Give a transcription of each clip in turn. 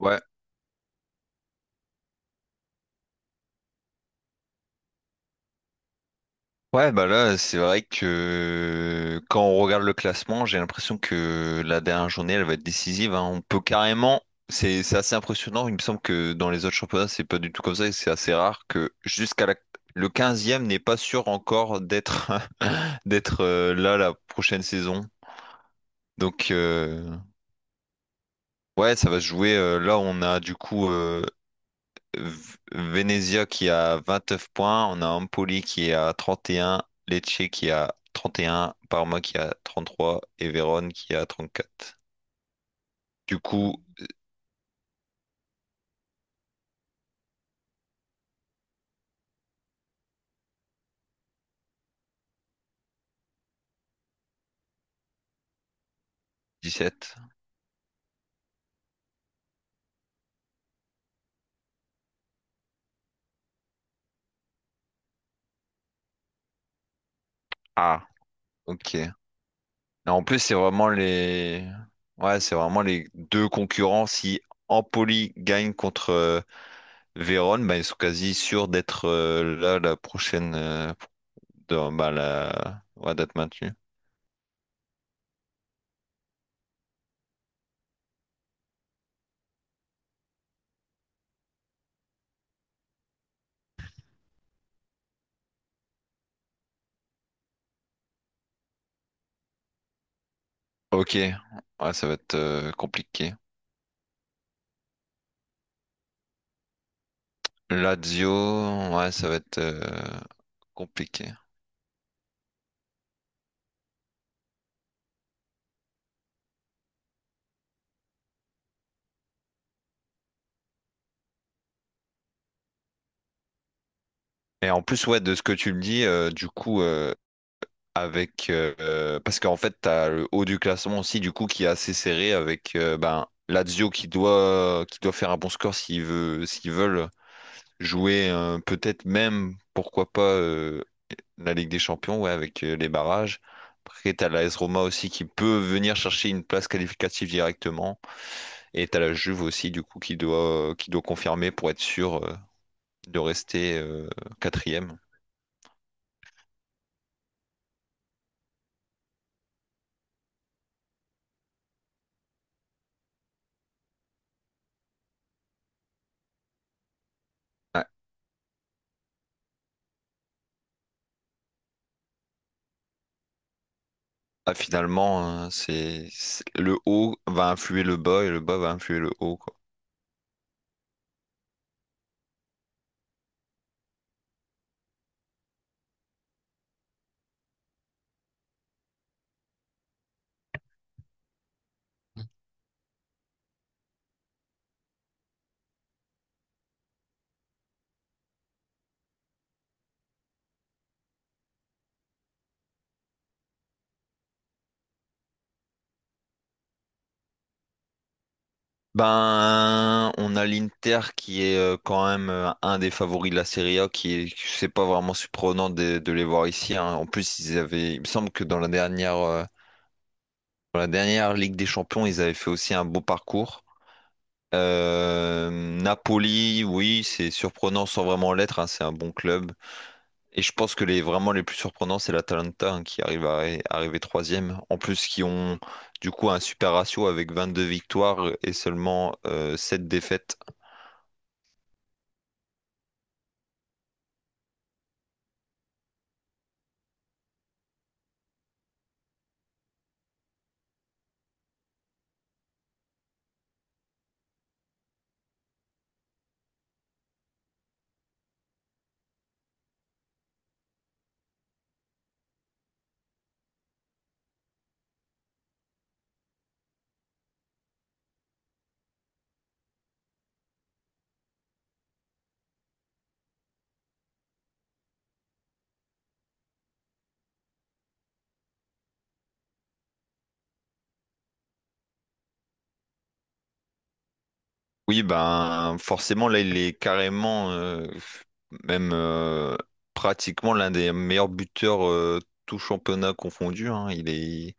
Ouais. Ouais, bah là, c'est vrai que quand on regarde le classement, j'ai l'impression que la dernière journée, elle va être décisive, hein. On peut carrément, c'est assez impressionnant. Il me semble que dans les autres championnats, c'est pas du tout comme ça. C'est assez rare que jusqu'à la... le quinzième n'est pas sûr encore d'être d'être là la prochaine saison. Donc euh, ouais, ça va se jouer. Là, on a Venezia qui a 29 points, on a Empoli qui est à 31, Lecce qui a 31, Parma qui a 33 et Vérone qui a 34. Du coup, dix-sept. Ah, ok. Et en plus, c'est vraiment les... Ouais, c'est vraiment les deux concurrents. Si Empoli gagne contre Vérone, bah, ils sont quasi sûrs d'être là la prochaine... ouais, d'être maintenus. Ok. Ouais, ça va être compliqué. Lazio, ouais, ça va être compliqué. Et en plus, ouais, de ce que tu me dis, du coup, avec parce qu'en fait, t'as le haut du classement aussi, du coup, qui est assez serré avec ben Lazio qui doit faire un bon score s'ils veulent jouer peut-être même pourquoi pas la Ligue des Champions, ouais, avec les barrages. Après, t'as la AS Roma aussi qui peut venir chercher une place qualificative directement. Et t'as la Juve aussi, du coup, qui doit confirmer pour être sûr. De rester quatrième. Ah, Finalement, le haut va influer le bas et le bas va influer le haut, quoi. Ben, on a l'Inter qui est quand même un des favoris de la Serie A, qui est, c'est pas vraiment surprenant de les voir ici. Hein. En plus, ils avaient, il me semble que dans la dernière pour la dernière Ligue des Champions, ils avaient fait aussi un beau parcours. Euh, Napoli, oui, c'est surprenant sans vraiment l'être, hein, c'est un bon club. Et je pense que les vraiment les plus surprenants, c'est l'Atalanta hein, qui arrive à arriver troisième. En plus, qui ont du coup un super ratio avec 22 victoires et seulement 7 défaites. Oui, ben forcément, là, il est carrément même pratiquement l'un des meilleurs buteurs tout championnat confondu. Hein.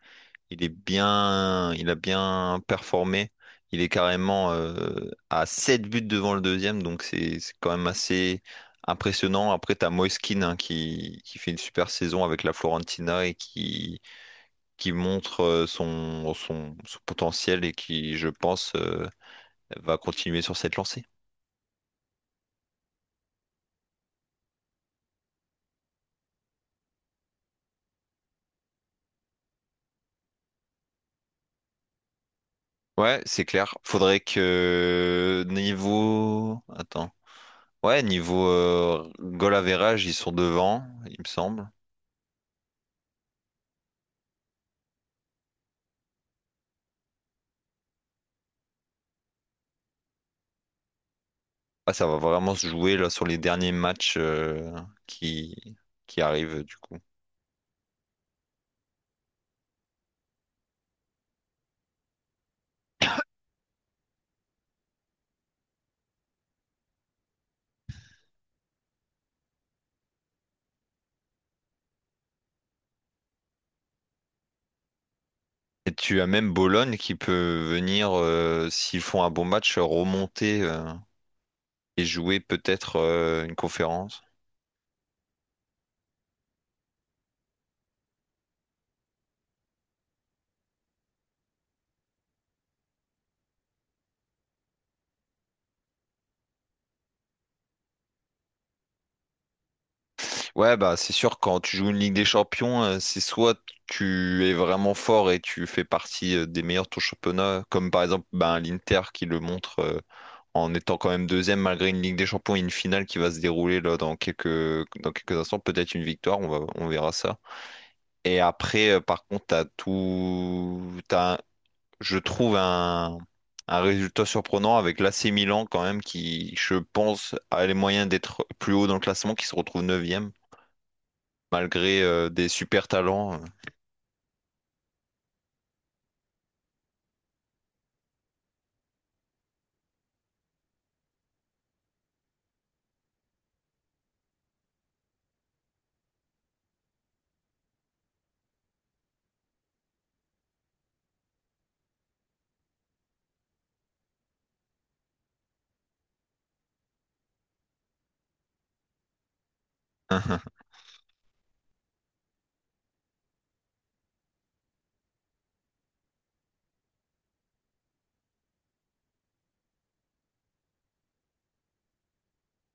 Il est bien, il a bien performé. Il est carrément à 7 buts devant le deuxième, donc c'est quand même assez impressionnant. Après, t'as Moiskin hein, qui fait une super saison avec la Florentina et qui montre son potentiel et qui, je pense, va continuer sur cette lancée. Ouais, c'est clair. Faudrait que niveau... Attends. Ouais, niveau goal average, ils sont devant, il me semble. Ah, ça va vraiment se jouer là sur les derniers matchs qui, qui arrivent du coup. Et tu as même Bologne qui peut venir, s'ils font un bon match, remonter et jouer peut-être une conférence. Ouais, bah c'est sûr, quand tu joues une Ligue des Champions, c'est soit tu es vraiment fort et tu fais partie des meilleurs de ton championnat, comme par exemple ben, l'Inter qui le montre en étant quand même deuxième malgré une Ligue des Champions et une finale qui va se dérouler là dans dans quelques instants, peut-être une victoire, on va, on verra ça. Et après, par contre, t'as tout, t'as, un- je trouve un résultat surprenant avec l'AC Milan quand même qui, je pense, a les moyens d'être plus haut dans le classement, qui se retrouve neuvième malgré des super talents.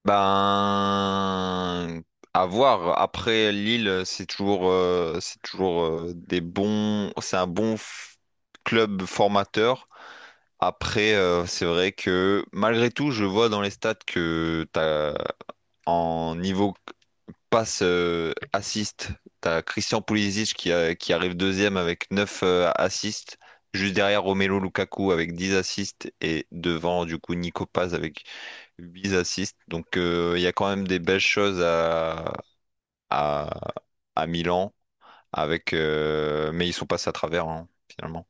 Ben, à voir. Après Lille, c'est toujours des bons, c'est club formateur. Après, c'est vrai que malgré tout, je vois dans les stats que t'as en niveau passe assist, t'as Christian Pulisic qui arrive deuxième avec 9 assists, juste derrière Romelu Lukaku avec 10 assists et devant du coup Nico Paz avec 8 assists. Donc il y a quand même des belles choses à, à, à Milan avec mais ils sont passés à travers hein, finalement.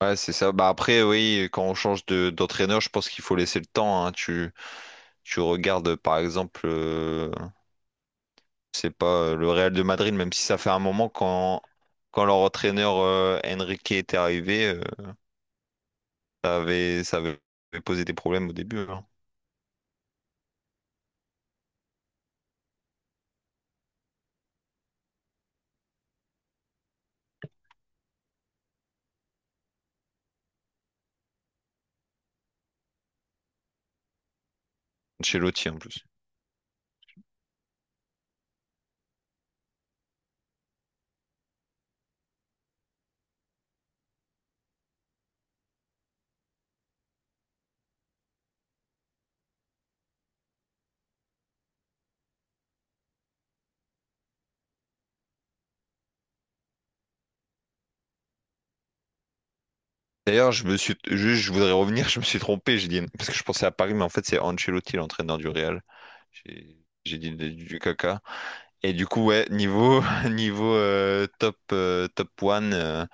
Ouais, c'est ça. Bah après, oui, quand on change de d'entraîneur, je pense qu'il faut laisser le temps, hein. Tu regardes, par exemple, c'est pas le Real de Madrid, même si ça fait un moment quand leur entraîneur Enrique était arrivé, ça avait posé des problèmes au début, hein. Chez Lotti en plus. D'ailleurs, je me suis, juste, je voudrais revenir, je me suis trompé, j'ai dit, parce que je pensais à Paris, mais en fait, c'est Ancelotti, l'entraîneur du Real. J'ai j'ai dit du caca. Et du coup, ouais, niveau top one, euh,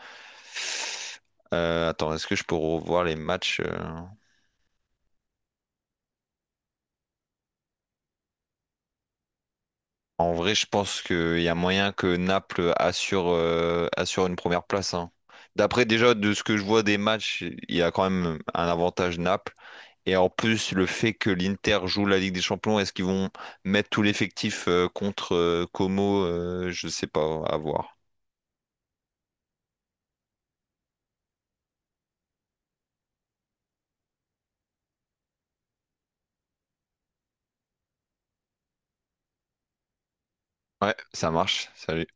euh, attends, est-ce que je peux revoir les matchs? En vrai, je pense qu'il y a moyen que Naples assure, assure une première place. Hein. D'après déjà de ce que je vois des matchs, il y a quand même un avantage Naples. Et en plus, le fait que l'Inter joue la Ligue des Champions, est-ce qu'ils vont mettre tout l'effectif contre Como? Je sais pas, à voir. Ouais, ça marche. Salut.